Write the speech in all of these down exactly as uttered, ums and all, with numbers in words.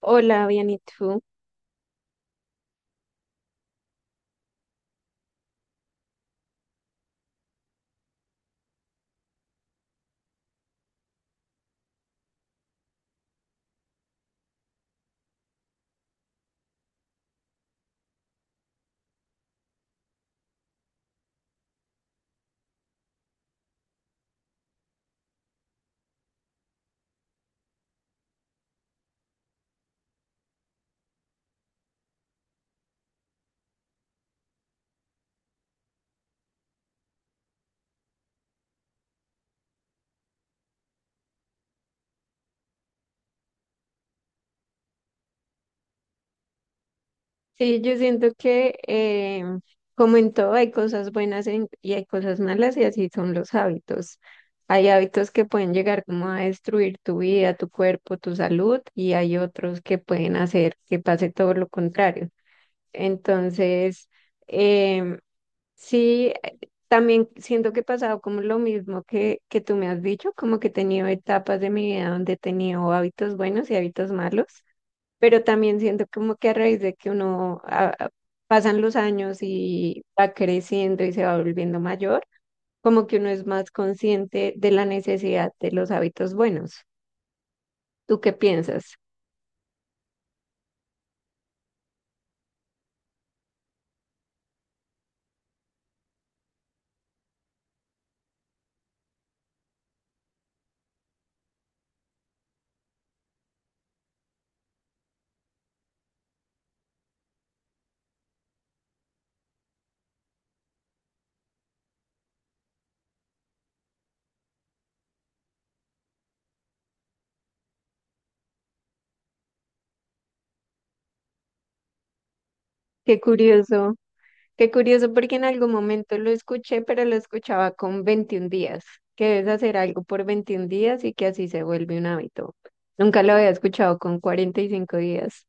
Hola, bien, ¿y tú? Sí, yo siento que eh, como en todo hay cosas buenas en- y hay cosas malas y así son los hábitos. Hay hábitos que pueden llegar como a destruir tu vida, tu cuerpo, tu salud y hay otros que pueden hacer que pase todo lo contrario. Entonces, em, sí, eh, también siento que he pasado como lo mismo que, que tú me has dicho, como que he tenido etapas de mi vida donde he tenido hábitos buenos y hábitos malos. Pero también siento como que a raíz de que uno ah, ah, pasan los años y va creciendo y se va volviendo mayor, como que uno es más consciente de la necesidad de los hábitos buenos. ¿Tú qué piensas? Qué curioso, qué curioso porque en algún momento lo escuché, pero lo escuchaba con veintiún días, que debes hacer algo por veintiún días y que así se vuelve un hábito. Nunca lo había escuchado con cuarenta y cinco días.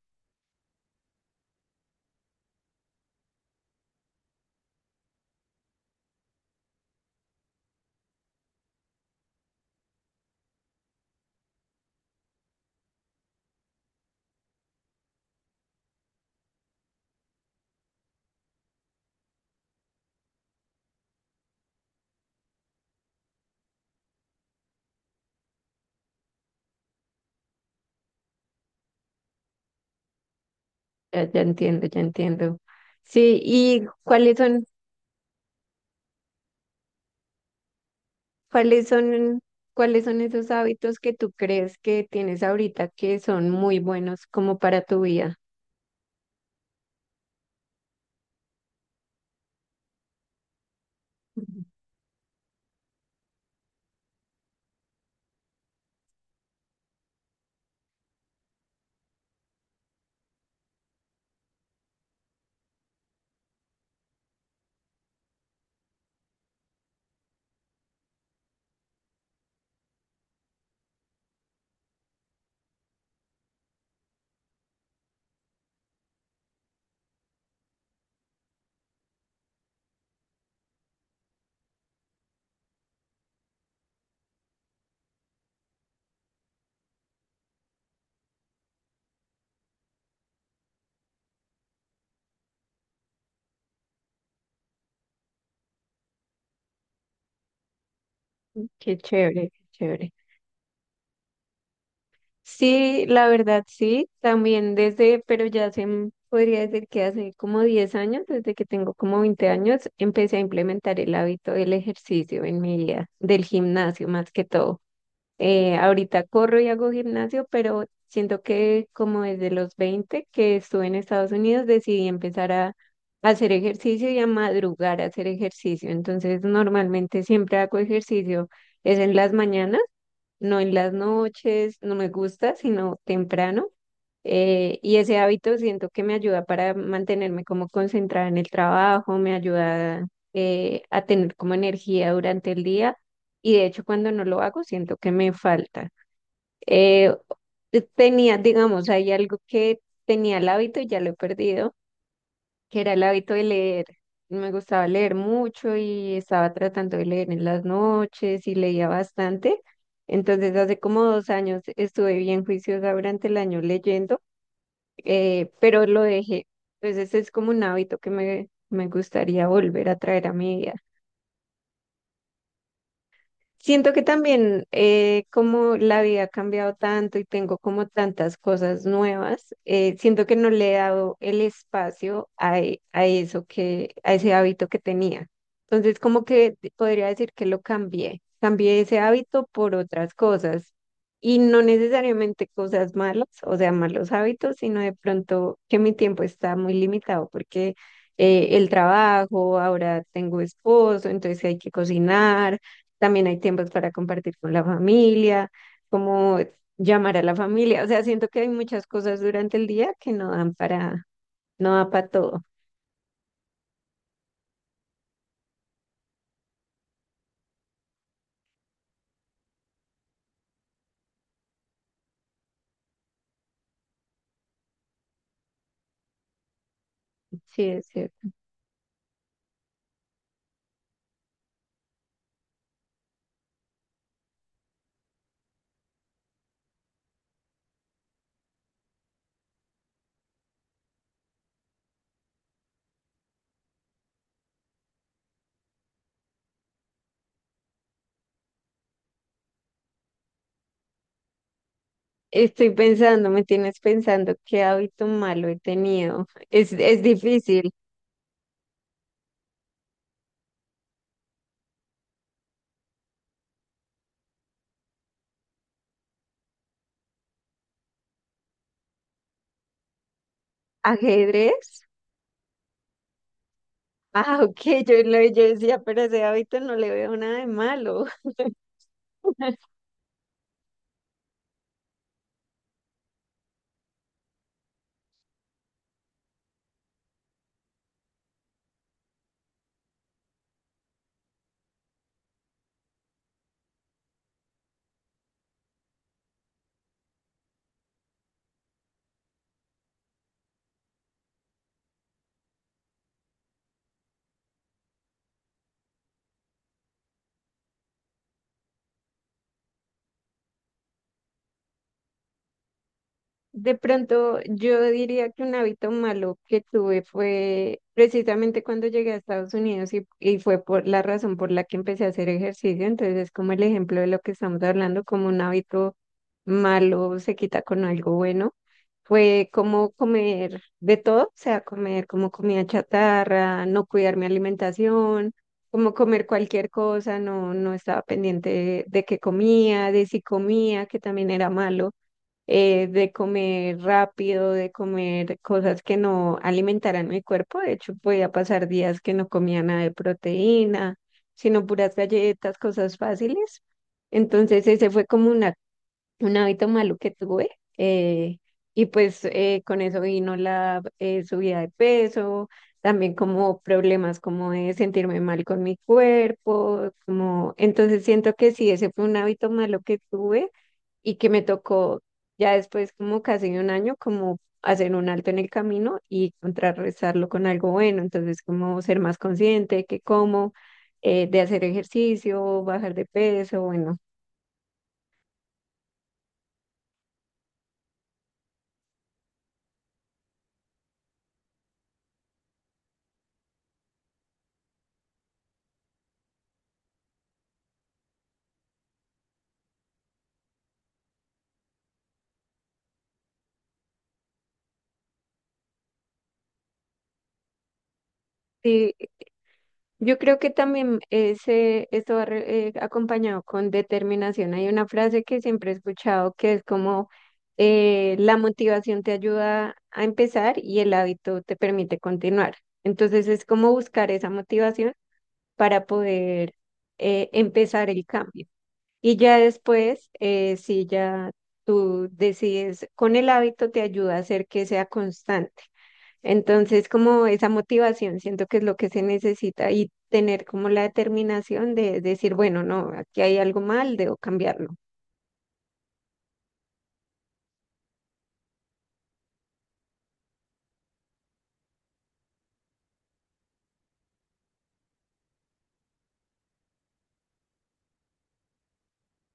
Ya, ya entiendo, ya entiendo. Sí, ¿y cuáles son ¿Cuáles son, cuáles son esos hábitos que tú crees que tienes ahorita que son muy buenos como para tu vida? Ujú. Qué chévere, qué chévere. Sí, la verdad sí, también desde, pero ya hace, mm, podría decir que hace como diez años, desde que tengo como veinte años, empecé a implementar el hábito del ejercicio en mi vida, del gimnasio más que todo. Eh, ahorita corro y hago gimnasio, pero siento que como desde los veinte que estuve en Estados Unidos decidí empezar a hacer ejercicio y a madrugar a hacer ejercicio. Entonces normalmente siempre hago ejercicio, es en las mañanas, no en las noches, no me gusta, sino temprano. Eh, y ese hábito siento que me ayuda para mantenerme como concentrada en el trabajo, me ayuda eh, a tener como energía durante el día y de hecho cuando no lo hago siento que me falta. Eh, tenía, digamos, hay algo que tenía el hábito y ya lo he perdido, que era el hábito de leer. Me gustaba leer mucho y estaba tratando de leer en las noches y leía bastante. Entonces hace como dos años estuve bien juiciosa durante el año leyendo, eh, pero lo dejé. Entonces es como un hábito que me, me gustaría volver a traer a mi vida. Siento que también eh, como la vida ha cambiado tanto y tengo como tantas cosas nuevas, eh, siento que no le he dado el espacio a, e- a eso que, a ese hábito que tenía. Entonces, como que te- podría decir que lo cambié. Cambié ese hábito por otras cosas y no necesariamente cosas malas, o sea, malos hábitos, sino de pronto que mi tiempo está muy limitado porque eh, el trabajo, ahora tengo esposo, entonces hay que cocinar, también hay tiempos para compartir con la familia, como llamar a la familia. O sea, siento que hay muchas cosas durante el día que no dan para, no da para todo. Sí, es cierto. Estoy pensando, me tienes pensando qué hábito malo he tenido. Es, es difícil. ¿Ajedrez? Ah, ok, yo, lo, yo decía, pero ese hábito no le veo nada de malo. De pronto, yo diría que un hábito malo que tuve fue precisamente cuando llegué a Estados Unidos y, y fue por la razón por la que empecé a hacer ejercicio. Entonces, es como el ejemplo de lo que estamos hablando, como un hábito malo se quita con algo bueno. Fue como comer de todo, o sea, comer como comida chatarra, no cuidar mi alimentación, como comer cualquier cosa, no, no estaba pendiente de, de qué comía, de si comía, que también era malo, eh, de comer rápido, de comer cosas que no alimentaran mi cuerpo. De hecho, podía pasar días que no comía nada de proteína, sino puras galletas, cosas fáciles. Entonces, ese fue como una, un hábito malo que tuve. eh, y pues eh, con eso vino la eh, subida de peso, también como problemas como de sentirme mal con mi cuerpo, como entonces siento que sí, ese fue un hábito malo que tuve y que me tocó ya después como casi de un año como hacer un alto en el camino y contrarrestarlo con algo bueno, entonces como ser más consciente de qué como, eh, de hacer ejercicio, bajar de peso, bueno. Sí, yo creo que también ese, esto va re- eh, acompañado con determinación. Hay una frase que siempre he escuchado que es como eh, la motivación te ayuda a empezar y el hábito te permite continuar. Entonces es como buscar esa motivación para poder eh, empezar el cambio. Y ya después, eh, si ya tú decides con el hábito, te ayuda a hacer que sea constante. Entonces, como esa motivación, siento que es lo que se necesita y tener como la determinación de decir, bueno, no, aquí hay algo mal, debo cambiarlo.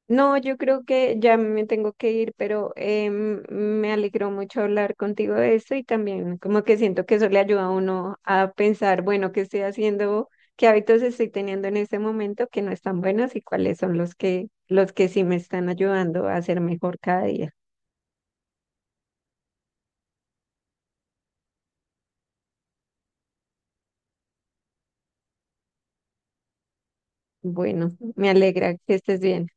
No, yo creo que ya me tengo que ir, pero em, me alegró mucho hablar contigo de esto y también como que siento que eso le ayuda a uno a pensar, bueno, qué estoy haciendo, qué hábitos estoy teniendo en este momento que no están buenos y cuáles son los que los que sí me están ayudando a ser mejor cada día. Bueno, me alegra que estés bien.